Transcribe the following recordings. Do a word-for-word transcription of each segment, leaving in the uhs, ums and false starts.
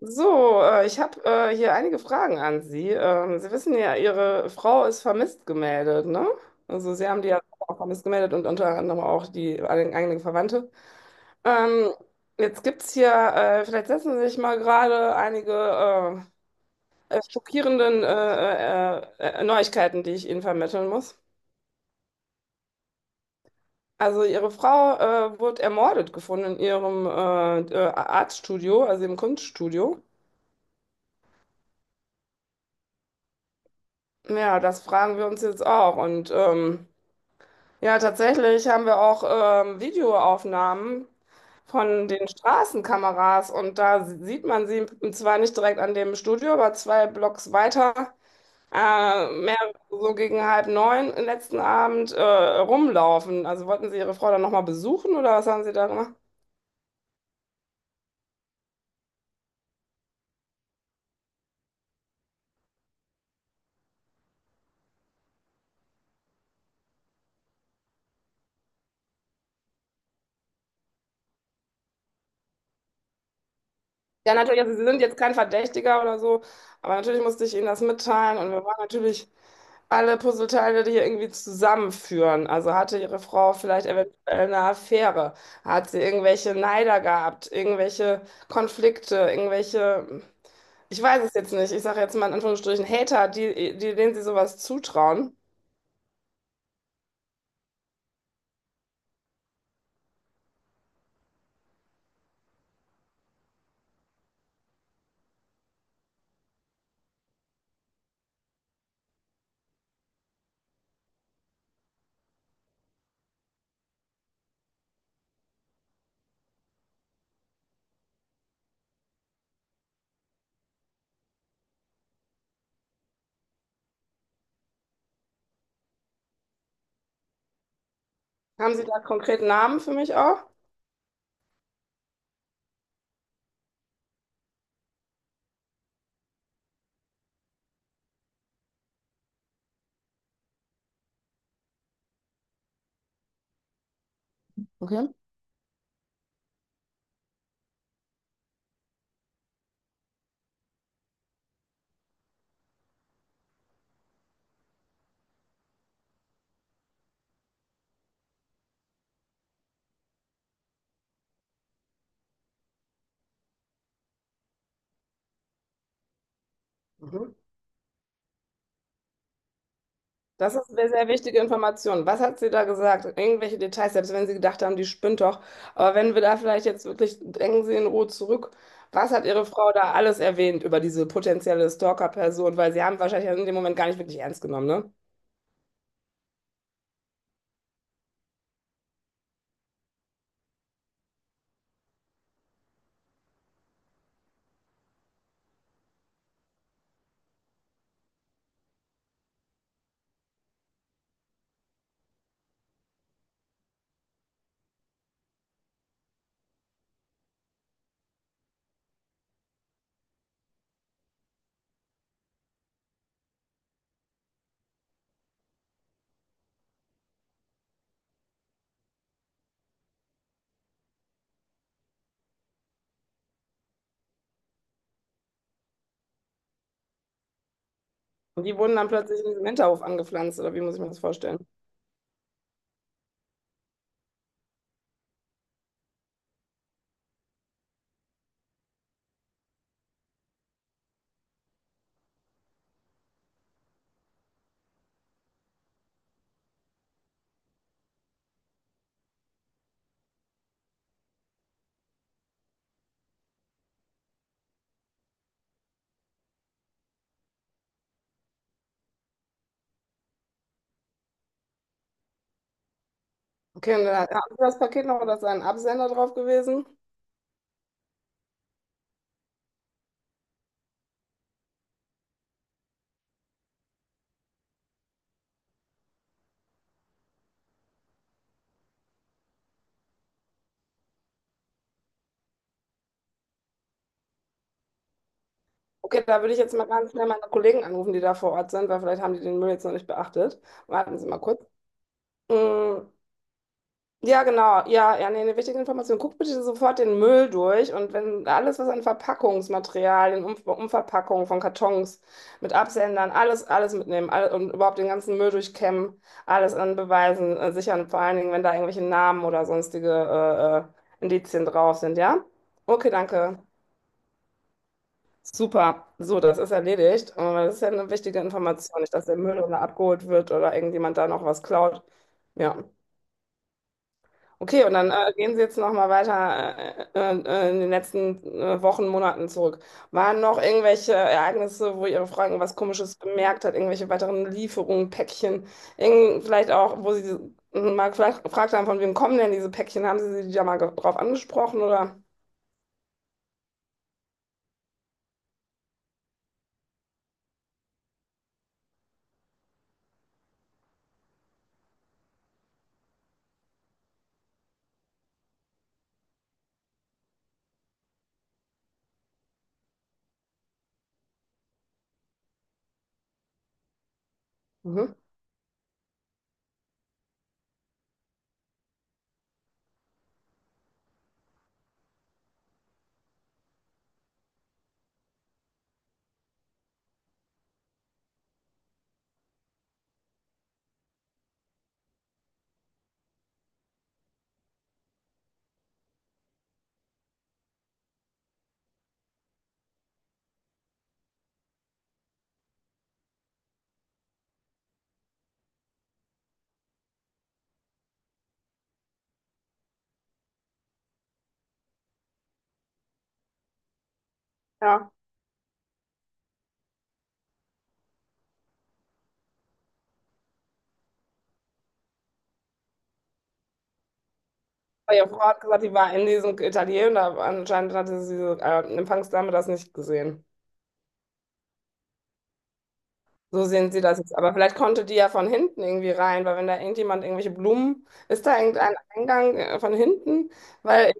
So, äh, ich habe äh, hier einige Fragen an Sie. Ähm, Sie wissen ja, Ihre Frau ist vermisst gemeldet, ne? Also Sie haben die ja auch vermisst gemeldet und unter anderem auch die ein- einige Verwandte. Ähm, jetzt gibt es hier, äh, vielleicht setzen Sie sich mal gerade einige äh, äh, schockierenden äh, äh, äh, Neuigkeiten, die ich Ihnen vermitteln muss. Also Ihre Frau äh, wurde ermordet gefunden in ihrem äh, äh, Artstudio, also im Kunststudio. Ja, das fragen wir uns jetzt auch und ähm, Ja, tatsächlich haben wir auch ähm, Videoaufnahmen von den Straßenkameras und da sie- sieht man sie zwar nicht direkt an dem Studio, aber zwei Blocks weiter, äh, mehr so gegen halb neun letzten Abend äh, rumlaufen. Also wollten Sie Ihre Frau dann nochmal besuchen oder was haben Sie da gemacht? Ja, natürlich, also Sie sind jetzt kein Verdächtiger oder so, aber natürlich musste ich Ihnen das mitteilen und wir waren natürlich alle Puzzleteile die hier irgendwie zusammenführen. Also hatte ihre Frau vielleicht eventuell eine Affäre? Hat sie irgendwelche Neider gehabt? Irgendwelche Konflikte? Irgendwelche, ich weiß es jetzt nicht, ich sage jetzt mal in Anführungsstrichen Hater, die, die, denen sie sowas zutrauen. Haben Sie da konkret Namen für mich auch? Okay. Mhm. Das ist eine sehr wichtige Information. Was hat sie da gesagt? Irgendwelche Details, selbst wenn Sie gedacht haben, die spinnt doch. Aber wenn wir da vielleicht jetzt wirklich, denken Sie in Ruhe zurück, was hat Ihre Frau da alles erwähnt über diese potenzielle Stalker-Person? Weil Sie haben wahrscheinlich in dem Moment gar nicht wirklich ernst genommen, ne? Und die wurden dann plötzlich in diesem Hinterhof angepflanzt, oder wie muss ich mir das vorstellen? Okay, und dann hat haben Sie das Paket noch, oder ist da ein Absender drauf gewesen? Okay, da würde ich jetzt mal ganz schnell meine Kollegen anrufen, die da vor Ort sind, weil vielleicht haben die den Müll jetzt noch nicht beachtet. Warten Sie mal kurz. Mm. Ja, genau. Ja, ja, nee, eine wichtige Information. Guck bitte sofort den Müll durch und wenn alles, was an Verpackungsmaterialien, um, Umverpackungen von Kartons mit Absendern, alles, alles mitnehmen alle, und überhaupt den ganzen Müll durchkämmen, alles an Beweisen äh, sichern, vor allen Dingen, wenn da irgendwelche Namen oder sonstige äh, äh, Indizien drauf sind, ja? Okay, danke. Super. So, das ist erledigt. Äh, Das ist ja eine wichtige Information, nicht, dass der Müll oder abgeholt wird oder irgendjemand da noch was klaut. Ja. Okay, und dann äh, gehen Sie jetzt noch mal weiter äh, äh, äh, in den letzten äh, Wochen, Monaten zurück. Waren noch irgendwelche Ereignisse, wo Ihre Frau irgendwas Komisches bemerkt hat, irgendwelche weiteren Lieferungen, Päckchen, irgend, vielleicht auch, wo Sie äh, mal vielleicht gefragt haben, von wem kommen denn diese Päckchen? Haben Sie sie da mal ge- drauf angesprochen oder? Mhm. Ja. Weil Ihre Frau hat gesagt, die war in diesem Atelier und da anscheinend hatte diese äh, Empfangsdame das nicht gesehen. So sehen sie das jetzt. Aber vielleicht konnte die ja von hinten irgendwie rein, weil wenn da irgendjemand irgendwelche Blumen, ist da irgendein Eingang äh, von hinten? Weil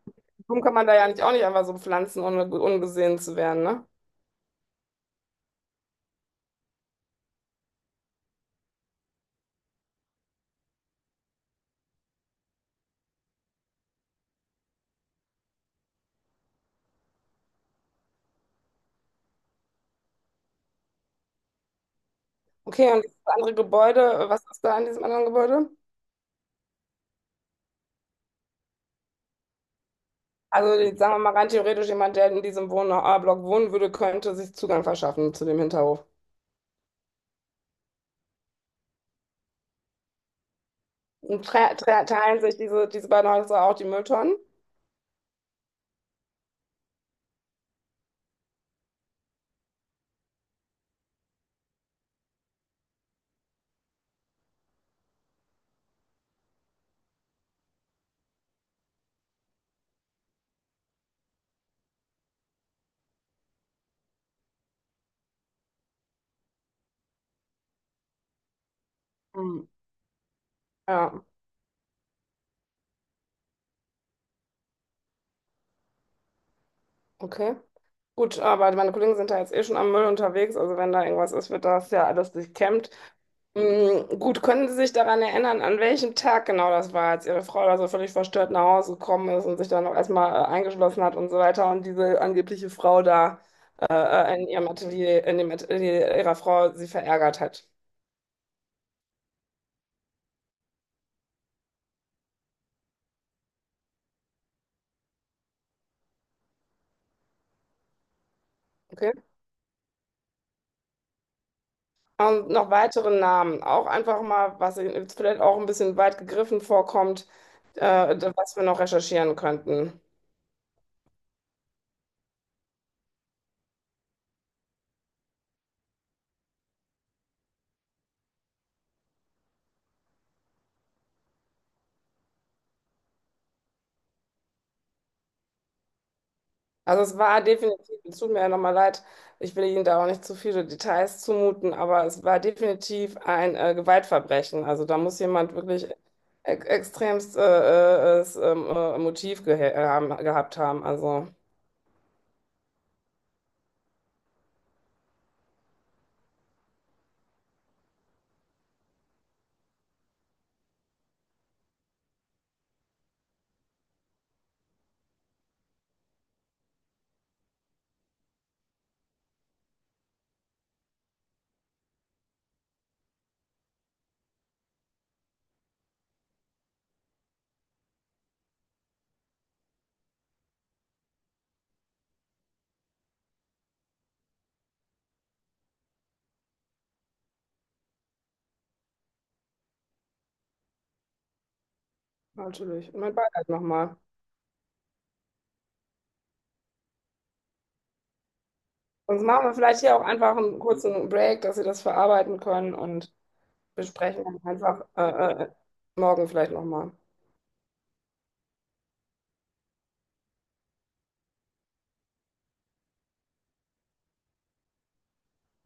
Blumen kann man da ja nicht auch nicht einfach so pflanzen, ohne ge- ungesehen zu werden, ne? Okay, und dieses andere Gebäude, äh, was ist da in diesem anderen Gebäude? Also jetzt sagen wir mal rein theoretisch, jemand, der in diesem Wohnblock wohnen würde, könnte sich Zugang verschaffen zu dem Hinterhof. Und tre tre teilen sich diese, diese beiden Häuser auch die Mülltonnen? Hm. Ja, okay. Gut, aber meine Kollegen sind da jetzt eh schon am Müll unterwegs, also wenn da irgendwas ist, wird das ja alles durchkämmt. Mm, gut, können Sie sich daran erinnern, an welchem Tag genau das war, als Ihre Frau da so völlig verstört nach Hause gekommen ist und sich dann noch erstmal äh, eingeschlossen hat und so weiter und diese angebliche Frau da äh, äh, in ihrem Atelier, in dem Atelier ihrer Frau sie verärgert hat? Okay. Und noch weitere Namen, auch einfach mal, was Ihnen jetzt vielleicht auch ein bisschen weit gegriffen vorkommt, äh, was wir noch recherchieren könnten. Also es war definitiv, es tut mir ja nochmal leid, ich will Ihnen da auch nicht zu viele Details zumuten, aber es war definitiv ein äh, Gewaltverbrechen. Also da muss jemand wirklich e extremst äh, äh, es, ähm, äh, Motiv gehe äh, haben, gehabt haben. Also natürlich, mein Beileid nochmal. Sonst machen wir vielleicht hier auch einfach einen kurzen Break, dass Sie das verarbeiten können und besprechen dann einfach äh, äh, morgen vielleicht nochmal.